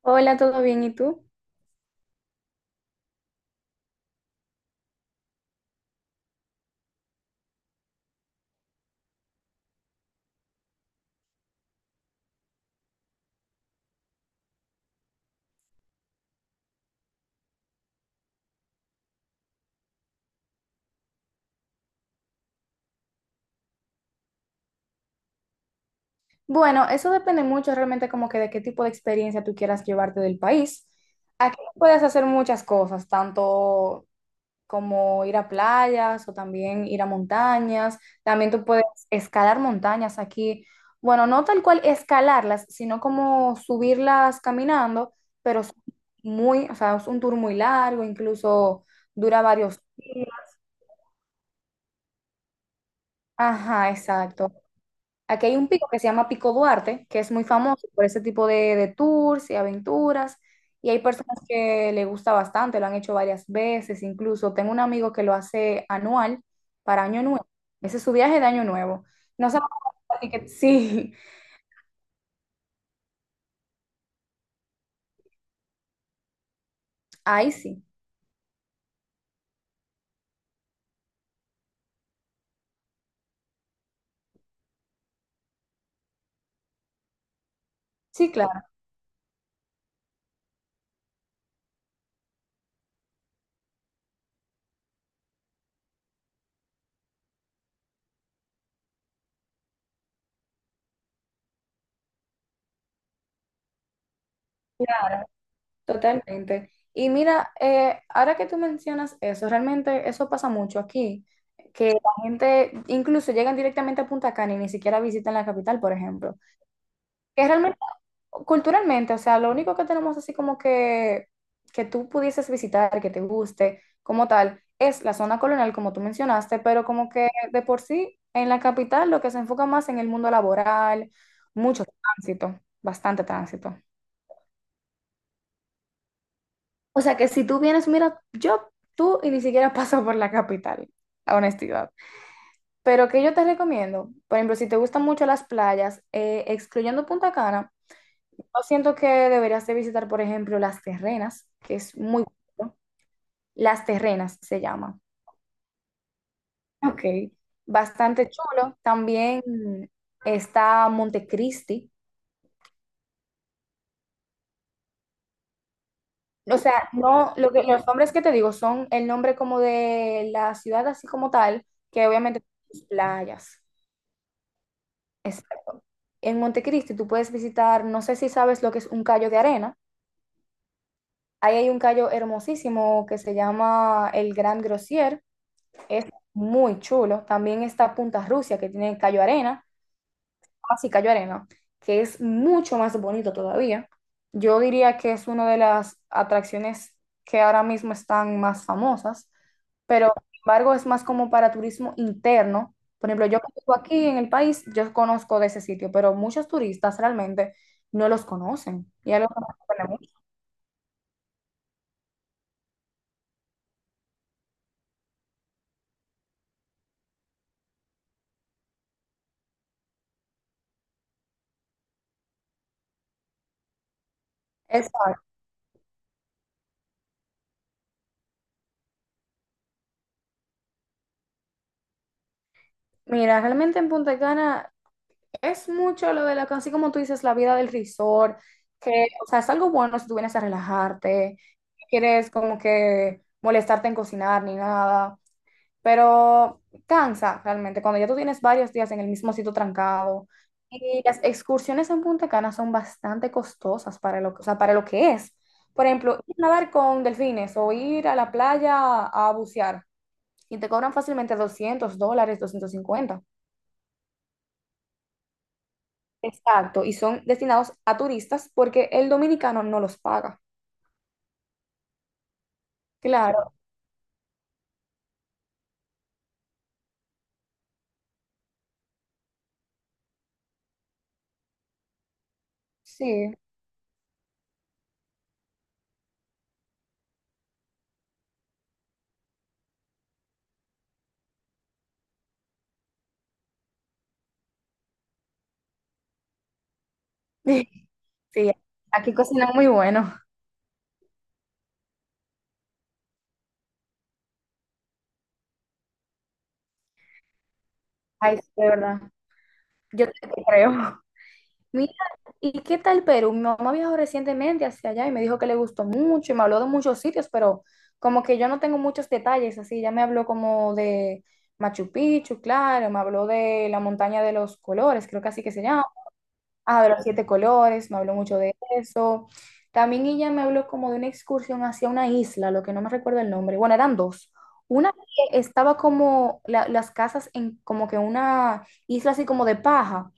Hola, ¿todo bien? ¿Y tú? Bueno, eso depende mucho realmente como que de qué tipo de experiencia tú quieras llevarte del país. Aquí puedes hacer muchas cosas, tanto como ir a playas o también ir a montañas. También tú puedes escalar montañas aquí. Bueno, no tal cual escalarlas, sino como subirlas caminando, pero son muy, o sea, es un tour muy largo, incluso dura varios días. Ajá, exacto. Aquí hay un pico que se llama Pico Duarte, que es muy famoso por ese tipo de tours y aventuras. Y hay personas que le gusta bastante, lo han hecho varias veces, incluso tengo un amigo que lo hace anual para Año Nuevo. Ese es su viaje de Año Nuevo. No sabemos ni que sí, ahí sí, sí, claro, totalmente. Y mira, ahora que tú mencionas eso, realmente eso pasa mucho aquí, que la gente incluso llegan directamente a Punta Cana y ni siquiera visitan la capital, por ejemplo que realmente culturalmente, o sea, lo único que tenemos así como que tú pudieses visitar, que te guste, como tal, es la zona colonial, como tú mencionaste, pero como que de por sí en la capital lo que se enfoca más en el mundo laboral, mucho tránsito, bastante tránsito. O sea que si tú vienes, mira, yo, tú y ni siquiera paso por la capital, la honestidad. Pero que yo te recomiendo, por ejemplo, si te gustan mucho las playas, excluyendo Punta Cana, yo siento que deberías de visitar, por ejemplo, Las Terrenas, que es muy bonito. Las Terrenas se llama. Ok. Bastante chulo. También está Montecristi. O sea, no, lo que, los nombres que te digo son el nombre como de la ciudad así como tal, que obviamente tiene sus playas. Exacto. En Montecristi tú puedes visitar, no sé si sabes lo que es un callo de arena. Ahí hay un callo hermosísimo que se llama el Gran Grosier. Es muy chulo. También está Punta Rusia, que tiene Cayo Arena, así Cayo Arena, que es mucho más bonito todavía. Yo diría que es una de las atracciones que ahora mismo están más famosas, pero sin embargo es más como para turismo interno. Por ejemplo, yo que vivo aquí en el país, yo conozco de ese sitio, pero muchos turistas realmente no los conocen. Ya los conocen. Exacto. Mira, realmente en Punta Cana es mucho lo de la, así como tú dices, la vida del resort, que, o sea, es algo bueno si tú vienes a relajarte, no quieres como que molestarte en cocinar ni nada, pero cansa realmente cuando ya tú tienes varios días en el mismo sitio trancado. Y las excursiones en Punta Cana son bastante costosas para lo, o sea, para lo que es. Por ejemplo, ir a nadar con delfines o ir a la playa a bucear y te cobran fácilmente $200, 250. Exacto, y son destinados a turistas porque el dominicano no los paga. Claro, sí. Sí, aquí cocinan muy bueno. Ay, sí, de verdad. Yo no te creo. Mira, ¿y qué tal Perú? Mi mamá viajó recientemente hacia allá y me dijo que le gustó mucho y me habló de muchos sitios, pero como que yo no tengo muchos detalles, así ya me habló como de Machu Picchu, claro, me habló de la montaña de los colores, creo que así que se llama. Ah, de los siete colores, me habló mucho de eso. También ella me habló como de una excursión hacia una isla, lo que no me recuerdo el nombre. Bueno, eran dos. Una que estaba como la- las casas en como que una isla así como de paja.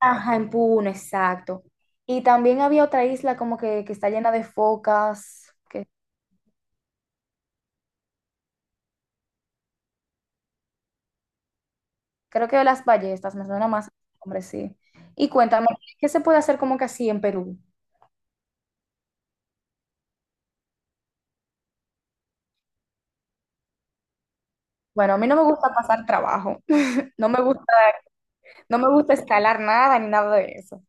Ajá, en Puno, exacto. Y también había otra isla como que está llena de focas, que creo que de las ballestas, me suena más, hombre, sí. Y cuéntame, ¿qué se puede hacer como que así en Perú? Bueno, a mí no me gusta pasar trabajo, no me gusta. No me gusta escalar nada ni nada de eso.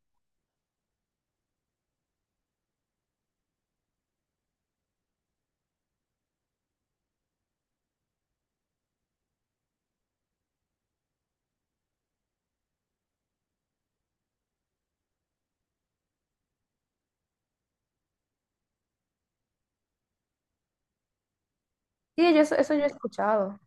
Sí, yo, eso yo he escuchado.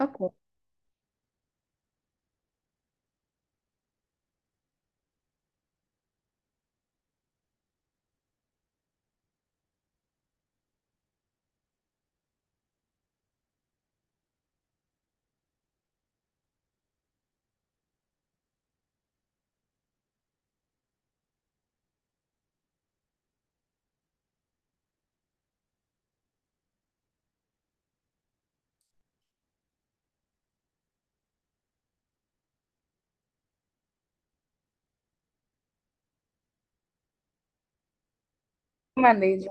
Ok, me han dicho.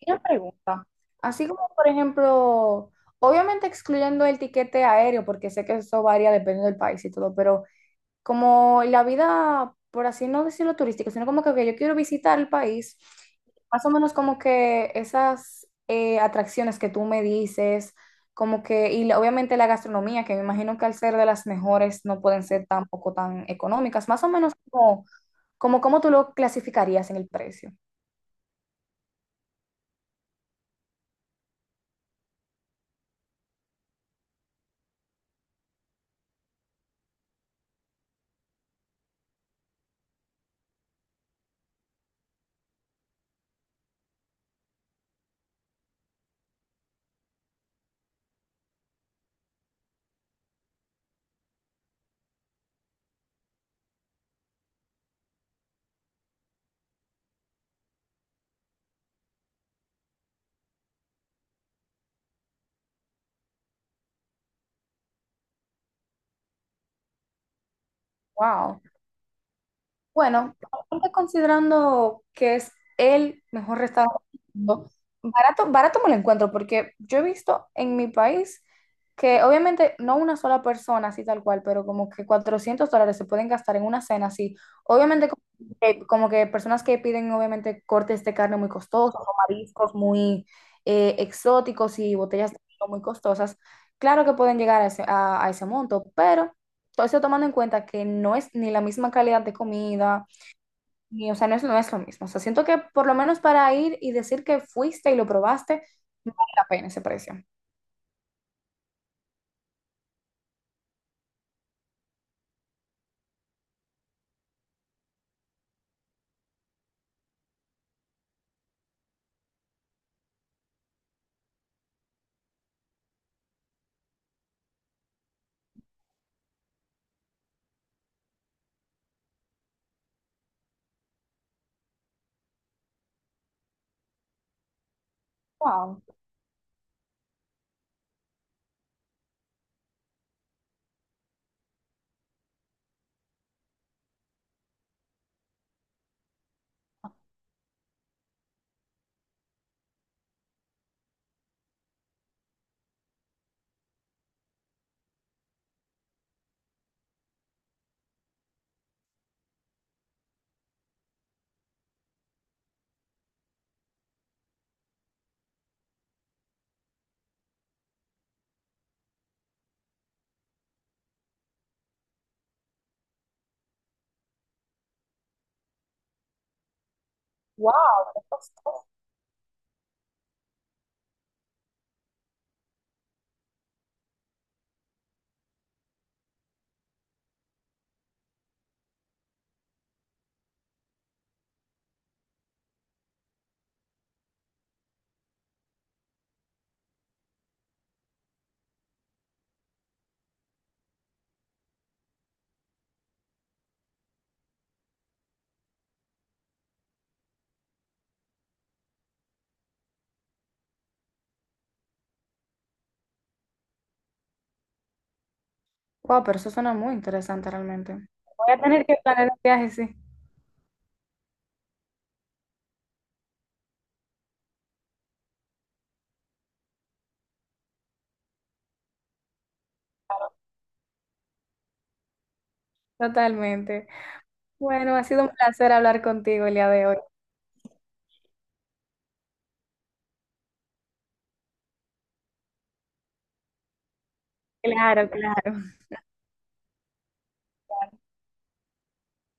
Y una pregunta. Así como, por ejemplo, obviamente excluyendo el tiquete aéreo, porque sé que eso varía dependiendo del país y todo, pero como la vida, por así no decirlo turística, sino como que ok, yo quiero visitar el país, más o menos como que esas atracciones que tú me dices, como que, y la- obviamente la gastronomía, que me imagino que al ser de las mejores no pueden ser tampoco tan económicas, más o menos como, como, ¿cómo tú lo clasificarías en el precio? Wow. Bueno, aparte considerando que es el mejor restaurante del mundo, barato, barato me lo encuentro, porque yo he visto en mi país que obviamente no una sola persona así tal cual, pero como que $400 se pueden gastar en una cena así. Obviamente como que personas que piden obviamente cortes de carne muy costosos o mariscos muy exóticos y botellas de vino muy costosas, claro que pueden llegar a ese, a ese monto, pero todo eso tomando en cuenta que no es ni la misma calidad de comida, ni, o sea, no es, no es lo mismo. O sea, siento que por lo menos para ir y decir que fuiste y lo probaste, no vale la pena ese precio. Wow, wow, qué costoso. Wow, pero eso suena muy interesante realmente. Voy a tener que planear un viaje, sí, totalmente. Bueno, ha sido un placer hablar contigo el día de hoy. Claro, claro.